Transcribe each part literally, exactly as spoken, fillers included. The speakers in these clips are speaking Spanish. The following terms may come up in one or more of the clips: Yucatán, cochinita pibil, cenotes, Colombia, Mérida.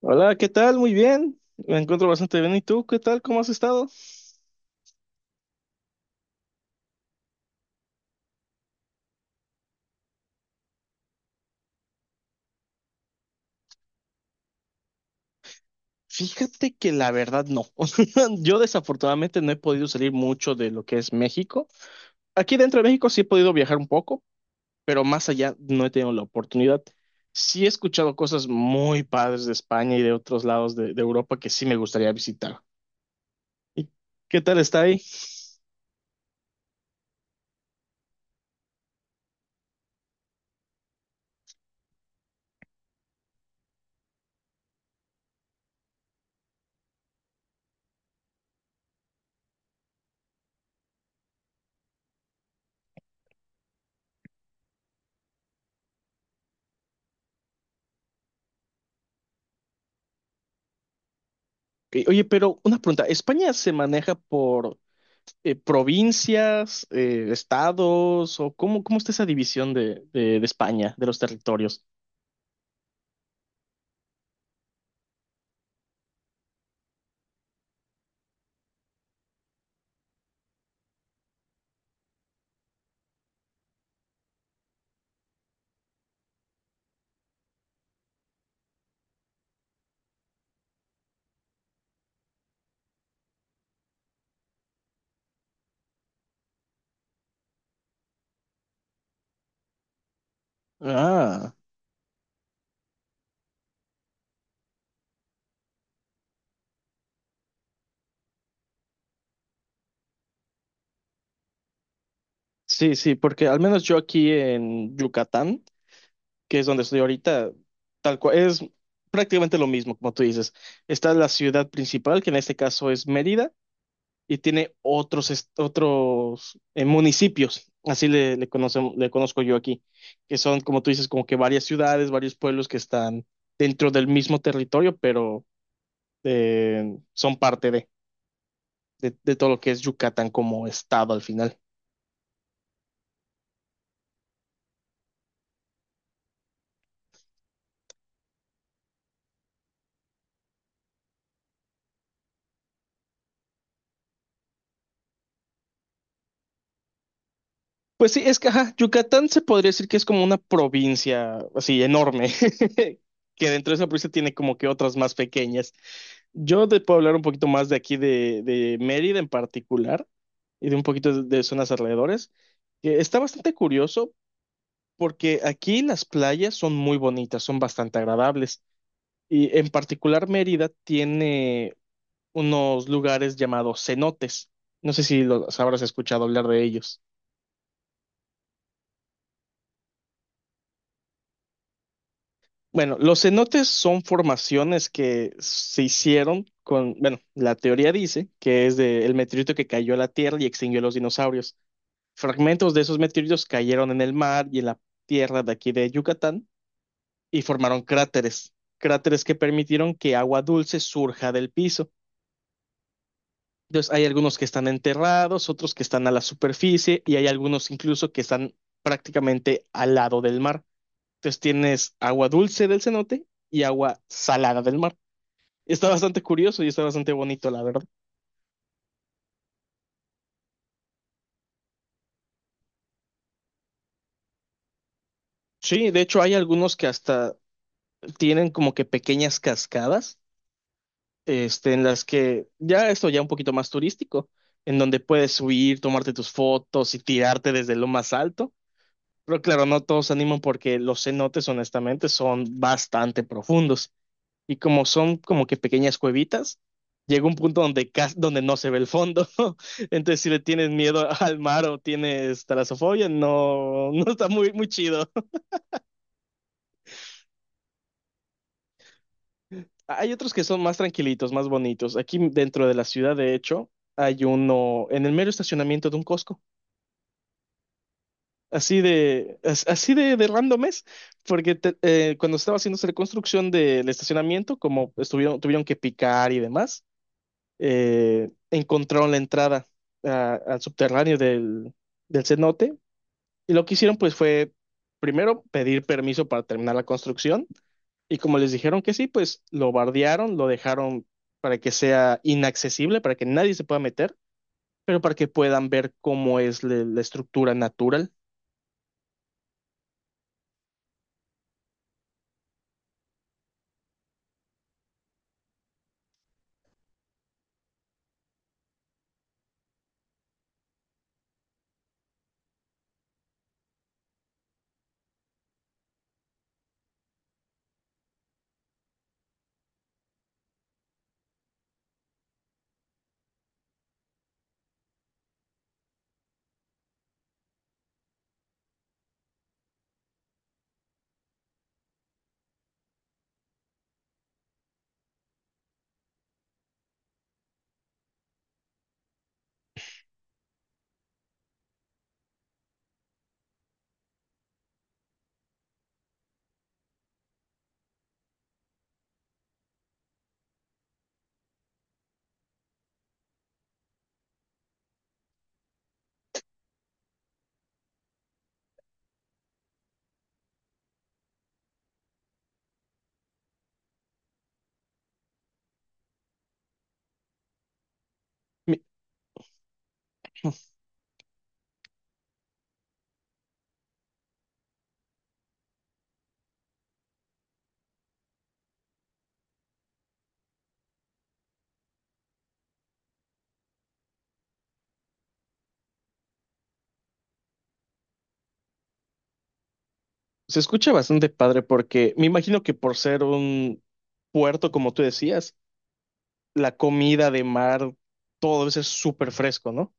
Hola, ¿qué tal? Muy bien. Me encuentro bastante bien. ¿Y tú? ¿Qué tal? ¿Cómo has estado? Fíjate que la verdad no. Yo desafortunadamente no he podido salir mucho de lo que es México. Aquí dentro de México sí he podido viajar un poco, pero más allá no he tenido la oportunidad. Sí he escuchado cosas muy padres de España y de otros lados de, de Europa que sí me gustaría visitar. ¿Y qué tal está ahí? Ok. Oye, pero una pregunta, ¿España se maneja por eh, provincias, eh, estados, o cómo, cómo está esa división de, de, de España, de los territorios? Ah, sí, sí, porque al menos yo aquí en Yucatán, que es donde estoy ahorita, tal cual, es prácticamente lo mismo, como tú dices. Está la ciudad principal, que en este caso es Mérida, y tiene otros, est- otros eh, municipios, así le, le, conocem- le conozco yo aquí, que son, como tú dices, como que varias ciudades, varios pueblos que están dentro del mismo territorio, pero eh, son parte de, de, de todo lo que es Yucatán como estado al final. Pues sí, es que ajá, Yucatán se podría decir que es como una provincia así enorme, que dentro de esa provincia tiene como que otras más pequeñas. Yo te puedo hablar un poquito más de aquí de, de Mérida en particular y de un poquito de, de zonas alrededores. Que está bastante curioso porque aquí las playas son muy bonitas, son bastante agradables. Y en particular Mérida tiene unos lugares llamados cenotes. No sé si los habrás escuchado hablar de ellos. Bueno, los cenotes son formaciones que se hicieron con, bueno, la teoría dice que es del meteorito que cayó a la Tierra y extinguió a los dinosaurios. Fragmentos de esos meteoritos cayeron en el mar y en la tierra de aquí de Yucatán y formaron cráteres, cráteres que permitieron que agua dulce surja del piso. Entonces, hay algunos que están enterrados, otros que están a la superficie y hay algunos incluso que están prácticamente al lado del mar. Entonces, tienes agua dulce del cenote y agua salada del mar. Está bastante curioso y está bastante bonito, la verdad. Sí, de hecho, hay algunos que hasta tienen como que pequeñas cascadas, este, en las que ya esto ya un poquito más turístico, en donde puedes subir, tomarte tus fotos y tirarte desde lo más alto. Pero claro, no todos se animan porque los cenotes, honestamente, son bastante profundos. Y como son como que pequeñas cuevitas, llega un punto donde, cas- donde no se ve el fondo. Entonces, si le tienes miedo al mar o tienes talasofobia, no, no está muy, muy chido. Hay otros que son más tranquilitos, más bonitos. Aquí dentro de la ciudad, de hecho, hay uno en el mero estacionamiento de un Costco. Así de, as- así de, de random es, porque te- eh, cuando estaba haciéndose la construcción del estacionamiento, como estuvieron, tuvieron que picar y demás, eh, encontraron la entrada a- al subterráneo del, del cenote. Y lo que hicieron pues fue primero pedir permiso para terminar la construcción. Y como les dijeron que sí, pues lo bardearon, lo dejaron para que sea inaccesible, para que nadie se pueda meter, pero para que puedan ver cómo es la la estructura natural. Se escucha bastante padre porque me imagino que por ser un puerto, como tú decías, la comida de mar, todo eso es súper fresco, ¿no?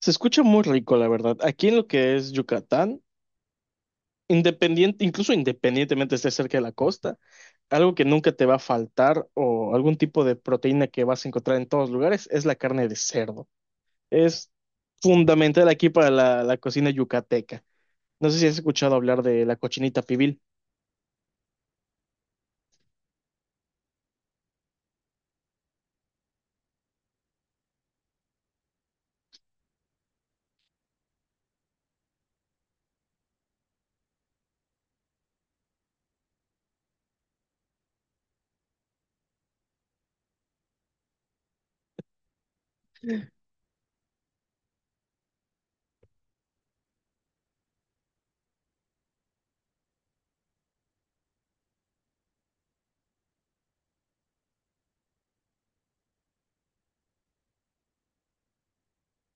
Se escucha muy rico, la verdad. Aquí en lo que es Yucatán, independiente, incluso independientemente esté cerca de la costa, algo que nunca te va a faltar o algún tipo de proteína que vas a encontrar en todos lugares es la carne de cerdo. Es fundamental aquí para la, la cocina yucateca. No sé si has escuchado hablar de la cochinita pibil.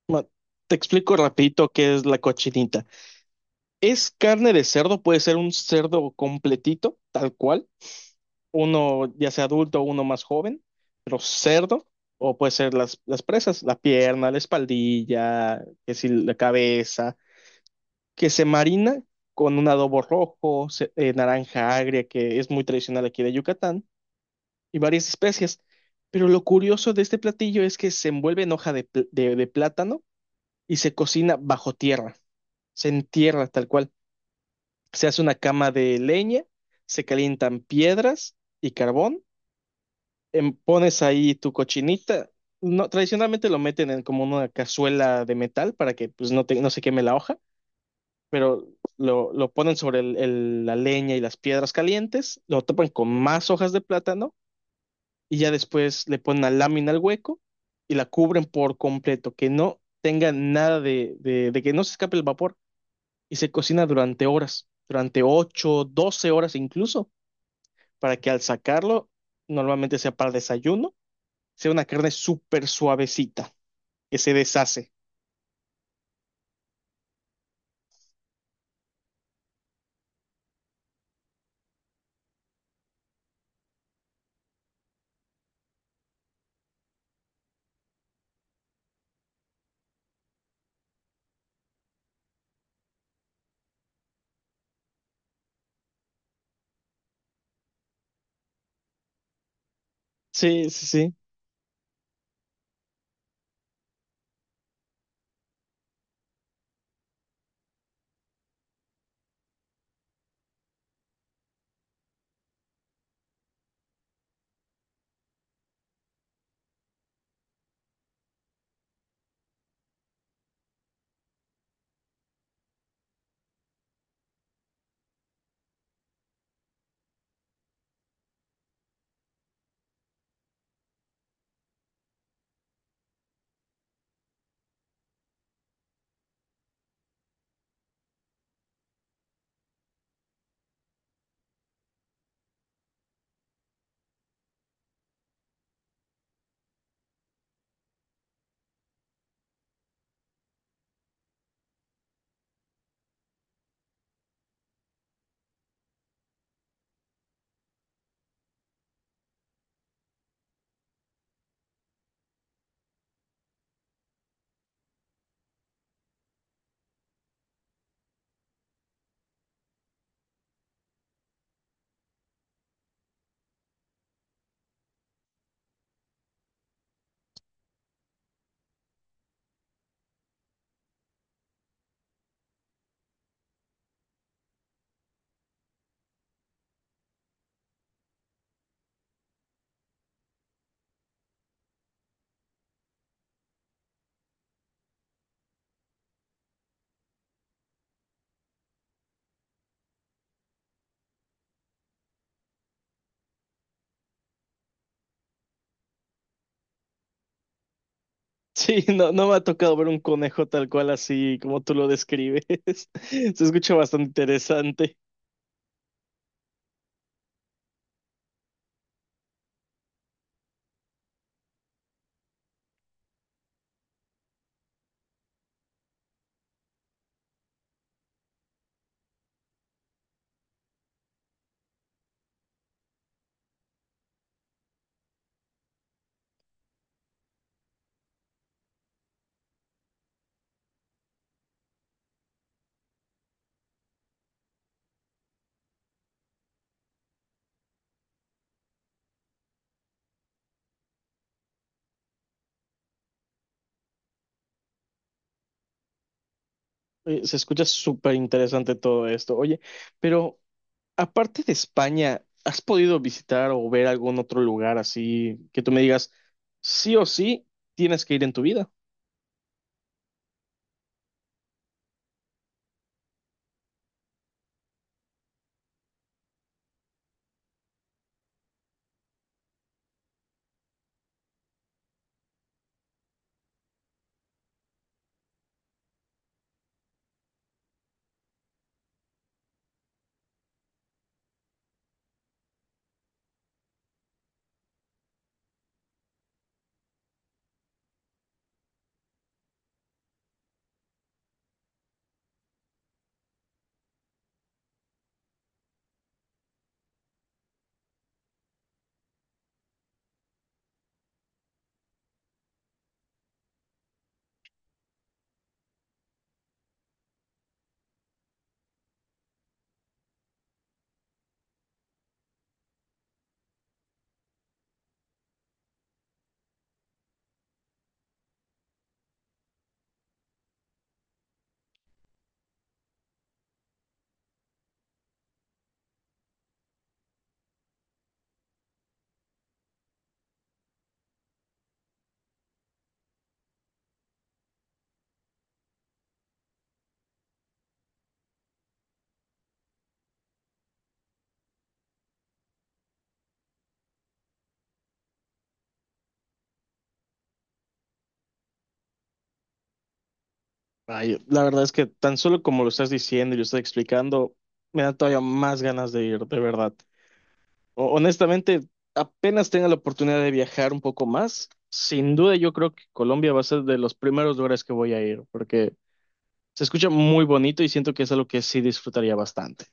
Ma- Te explico rapidito qué es la cochinita. Es carne de cerdo, puede ser un cerdo completito, tal cual, uno ya sea adulto o uno más joven, pero cerdo, o puede ser las, las presas, la pierna, la espaldilla, que si la cabeza, que se marina con un adobo rojo, se- eh, naranja agria, que es muy tradicional aquí de Yucatán, y varias especias. Pero lo curioso de este platillo es que se envuelve en hoja de pl- de de plátano y se cocina bajo tierra. Se entierra tal cual. Se hace una cama de leña, se calientan piedras y carbón, em- pones ahí tu cochinita. No, tradicionalmente lo meten en como una cazuela de metal para que pues, no, te- no se queme la hoja, pero lo, lo ponen sobre el- el- la leña y las piedras calientes, lo tapan con más hojas de plátano y ya después le ponen la lámina al hueco y la cubren por completo, que no tenga nada de, de de que no se escape el vapor. Y se cocina durante horas, durante ocho doce horas incluso, para que al sacarlo, normalmente sea para desayuno, sea una carne súper suavecita, que se deshace. Sí, sí, sí. Sí, no, no me ha tocado ver un conejo tal cual así como tú lo describes. Se escucha bastante interesante. Oye, se escucha súper interesante todo esto. Oye, pero aparte de España, ¿has podido visitar o ver algún otro lugar así que tú me digas, sí o sí, tienes que ir en tu vida? Ay, la verdad es que tan solo como lo estás diciendo y lo estás explicando, me da todavía más ganas de ir, de verdad. O- honestamente, apenas tenga la oportunidad de viajar un poco más, sin duda yo creo que Colombia va a ser de los primeros lugares que voy a ir, porque se escucha muy bonito y siento que es algo que sí disfrutaría bastante.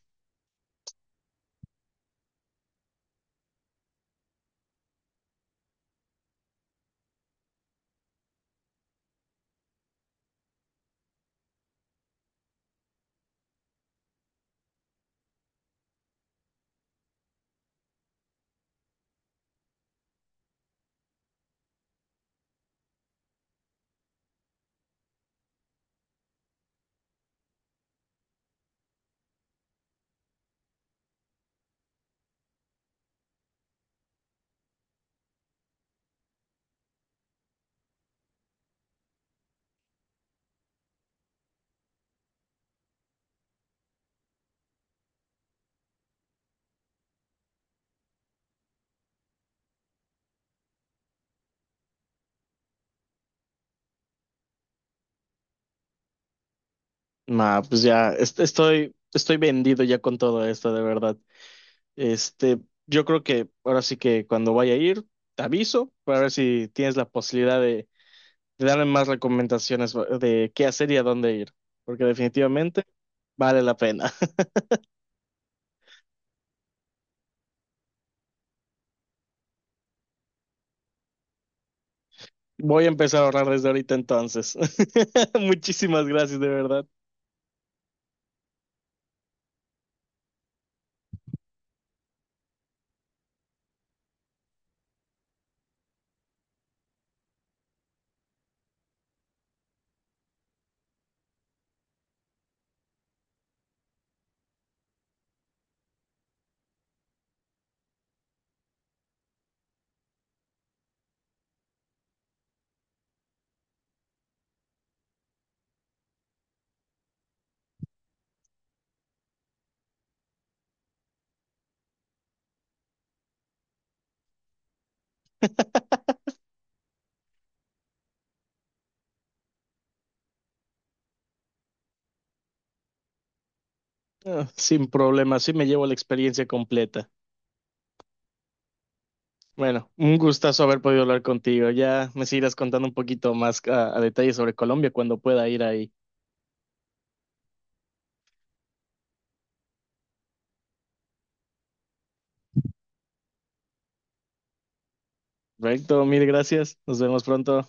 Nah, pues ya est- estoy, estoy vendido ya con todo esto, de verdad. Este, yo creo que ahora sí que cuando vaya a ir, te aviso para ver si tienes la posibilidad de, de darme más recomendaciones de qué hacer y a dónde ir, porque definitivamente vale la pena. Voy a empezar a ahorrar desde ahorita entonces. Muchísimas gracias, de verdad. Ah, sin problema, así me llevo la experiencia completa. Bueno, un gustazo haber podido hablar contigo. Ya me seguirás contando un poquito más a, a detalle sobre Colombia cuando pueda ir ahí. Perfecto, mil gracias. Nos vemos pronto.